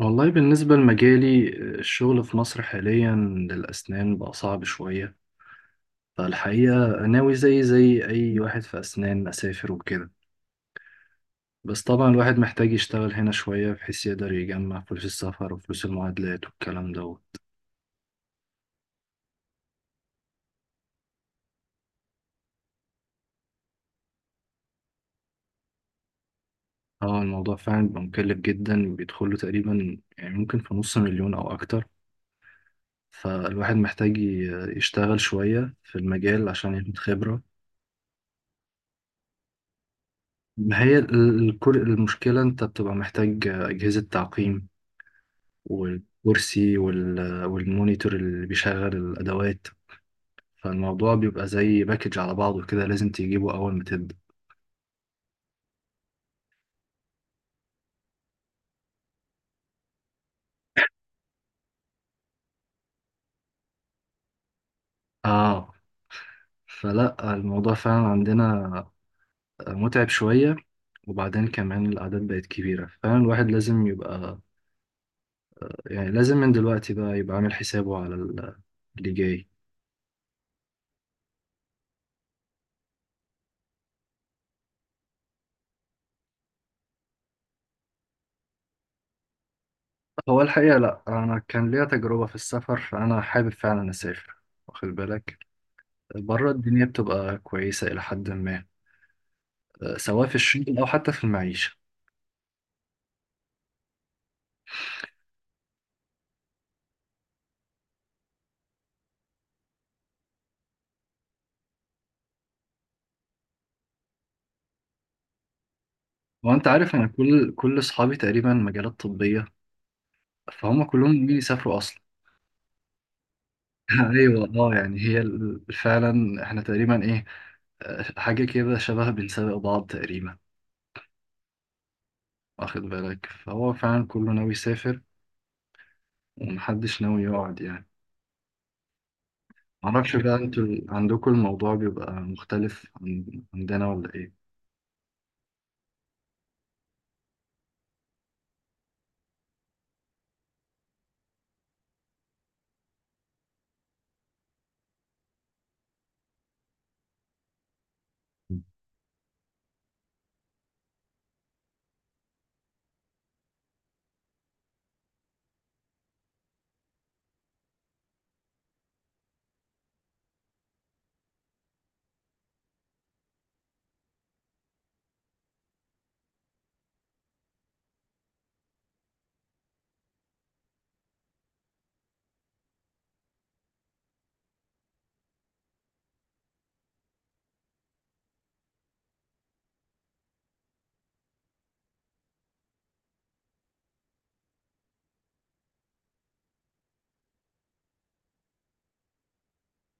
والله بالنسبة لمجالي، الشغل في مصر حاليا للأسنان بقى صعب شوية. فالحقيقة ناوي زي أي واحد في أسنان، أسافر وكده. بس طبعا الواحد محتاج يشتغل هنا شوية بحيث يقدر يجمع فلوس السفر وفلوس المعادلات والكلام دوت. اه، الموضوع فعلا بيبقى مكلف جدا، بيدخله تقريبا يعني ممكن في نص مليون أو أكتر. فالواحد محتاج يشتغل شوية في المجال عشان ياخد خبرة. ما هي المشكلة أنت بتبقى محتاج أجهزة تعقيم، والكرسي والمونيتور اللي بيشغل الأدوات. فالموضوع بيبقى زي باكج على بعضه كده، لازم تجيبه أول ما تبدأ. آه، فلا الموضوع فعلا عندنا متعب شوية. وبعدين كمان الأعداد بقت كبيرة، فعلا الواحد لازم يبقى، يعني لازم من دلوقتي بقى يبقى عامل حسابه على اللي جاي. هو الحقيقة لأ، أنا كان ليا تجربة في السفر، فأنا حابب فعلا أسافر، واخد بالك. بره الدنيا بتبقى كويسة إلى حد ما، سواء في الشغل او حتى في المعيشه. وانت عارف، انا كل اصحابي تقريبا مجالات طبيه، فهم كلهم ناويين يسافروا اصلا. ايوه. اه يعني هي فعلا احنا تقريبا ايه، حاجه كده شبه بنسابق بعض تقريبا، واخد بالك. فهو فعلا كله ناوي يسافر، ومحدش ناوي يقعد يعني. معرفش بقى، انتوا عندكم الموضوع بيبقى مختلف عن عندنا ولا ايه؟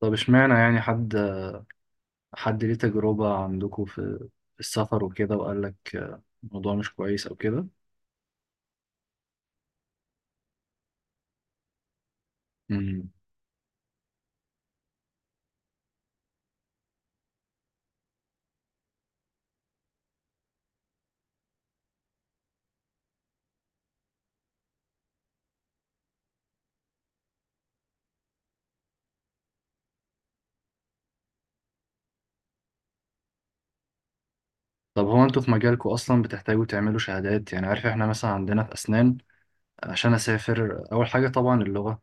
طب اشمعنى، يعني حد ليه تجربة عندكم في السفر وكده، وقال لك الموضوع مش كويس أو كده؟ مم. طب هو انتوا في مجالكم أصلا بتحتاجوا تعملوا شهادات؟ يعني عارف، احنا مثلا عندنا في أسنان، عشان أسافر أول حاجة طبعا اللغة،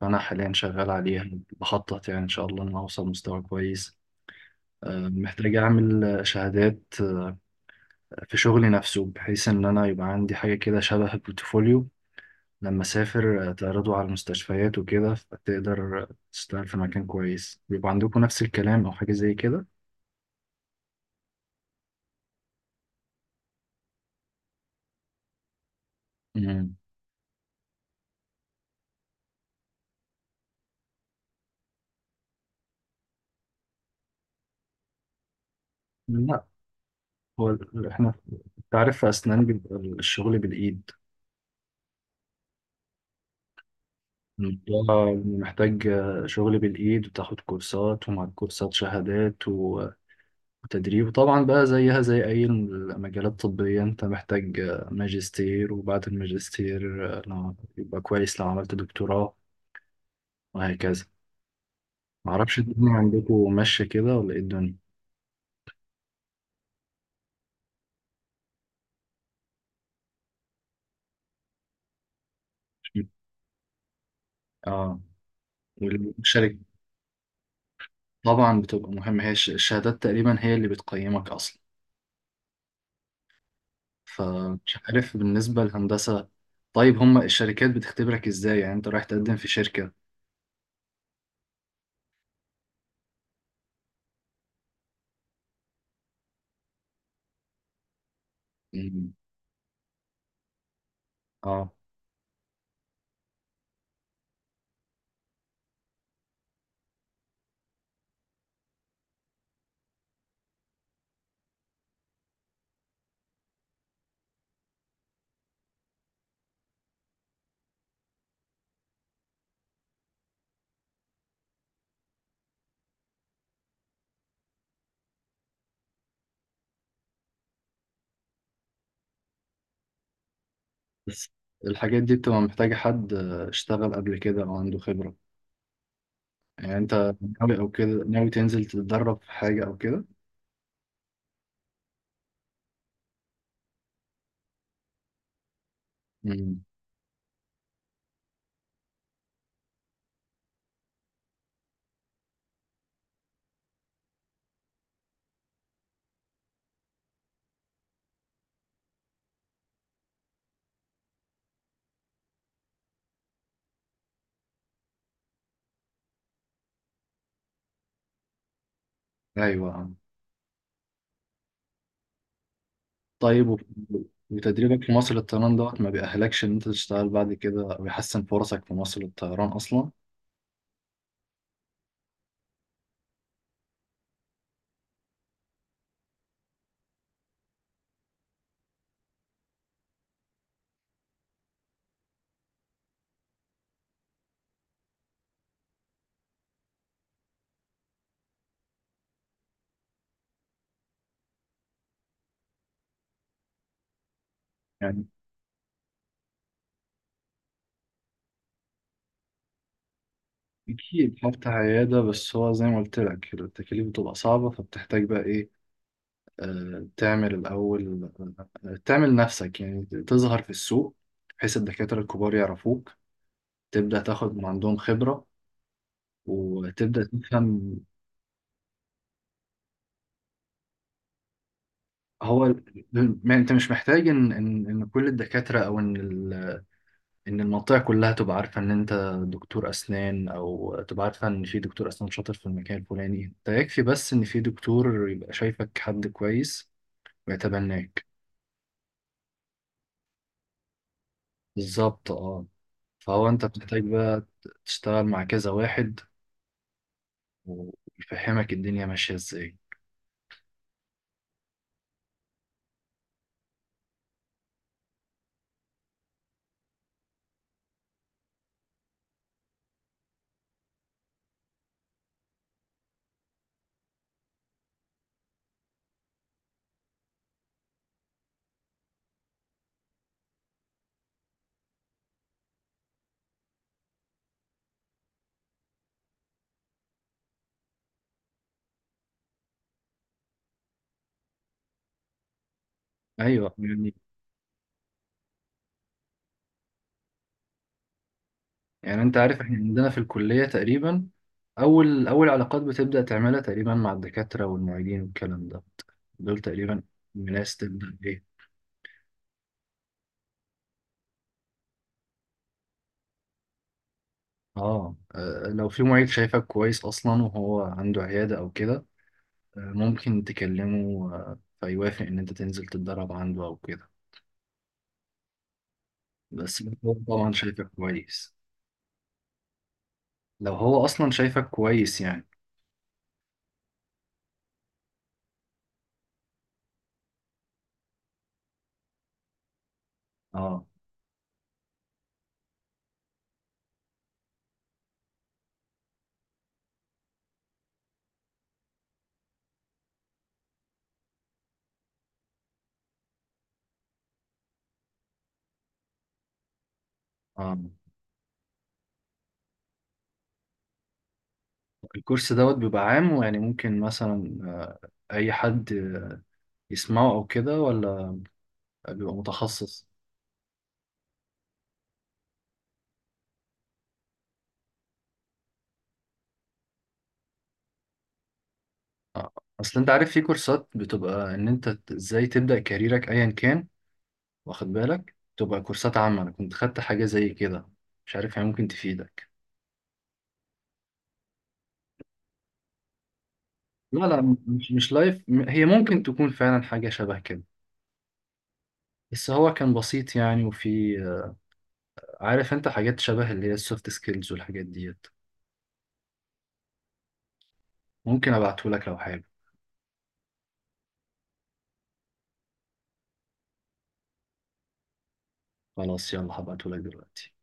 فأنا حاليا شغال عليها، بخطط يعني إن شاء الله إن أنا أوصل مستوى كويس. محتاج أعمل شهادات في شغلي نفسه، بحيث إن أنا يبقى عندي حاجة كده شبه البورتفوليو. لما اسافر تعرضوا على المستشفيات وكده فتقدر تشتغل في مكان كويس. بيبقى عندكم نفس الكلام او حاجه زي كده؟ مم. لا، هو احنا، انت عارف، في اسنان بيبقى الشغل بالايد. الموضوع محتاج شغل بالايد، وتاخد كورسات، ومع الكورسات شهادات وتدريب. وطبعا بقى زيها زي اي المجالات الطبيه، انت محتاج ماجستير، وبعد الماجستير يبقى كويس لو عملت دكتوراه، وهكذا. معرفش الدنيا عندكم ماشية كده ولا ايه الدنيا؟ اه، والشركة. طبعا بتبقى مهمة، هي الشهادات تقريبا هي اللي بتقيمك أصلا. فمش عارف بالنسبة للهندسة، طيب هما الشركات بتختبرك ازاي يعني؟ انت رايح تقدم في شركة. مم. اه، بس الحاجات دي بتبقى محتاجة حد اشتغل قبل كده أو عنده خبرة. يعني انت ناوي أو كده ناوي تنزل تتدرب في حاجة أو كده؟ مم. أيوه. طيب وتدريبك في مصر للطيران دوت ما بيأهلكش إن أنت تشتغل بعد كده، أو يحسن فرصك في مصر للطيران أصلا؟ يعني أكيد فتح عيادة، بس هو زي ما قلت لك التكاليف بتبقى صعبة، فبتحتاج بقى إيه، تعمل الأول، تعمل نفسك يعني، تظهر في السوق، بحيث الدكاترة الكبار يعرفوك، تبدأ تاخد من عندهم خبرة وتبدأ تفهم. هو ما أنت مش محتاج إن كل الدكاترة، أو إن ال ان المنطقه كلها تبقى عارفه ان انت دكتور اسنان، او تبقى عارفه ان في دكتور اسنان شاطر في المكان الفلاني. انت يكفي بس ان في دكتور يبقى شايفك، حد كويس ويتبناك. بالظبط، اه. فهو انت بتحتاج بقى تشتغل مع كذا واحد، ويفهمك الدنيا ماشيه ازاي. ايوه يعني. يعني انت عارف، احنا عندنا في الكليه تقريبا اول اول علاقات بتبدا تعملها تقريبا مع الدكاتره والمعيدين والكلام ده، دول تقريبا الناس تبدا ايه. اه، لو في معيد شايفك كويس اصلا وهو عنده عيادة او كده، ممكن تكلمه، فيوافق ان انت تنزل تتدرب عنده او كده، بس هو طبعا شايفك كويس، لو هو اصلا شايفك كويس يعني. اه، اه. الكورس دوت بيبقى عام، ويعني ممكن مثلا اي حد يسمعه او كده، ولا بيبقى متخصص؟ آه، اصل انت عارف، في كورسات بتبقى ان انت ازاي تبدأ كاريرك ايا كان، واخد بالك، تبقى كورسات عامة. أنا كنت خدت حاجة زي كده، مش عارف هي ممكن تفيدك. لا، لا، مش لايف هي ممكن تكون فعلا حاجة شبه كده. بس هو كان بسيط يعني، وفي عارف انت حاجات شبه اللي هي السوفت سكيلز والحاجات ديت، ممكن ابعتهولك لو حابب. خلاص، يلا هبعتهولك دلوقتي.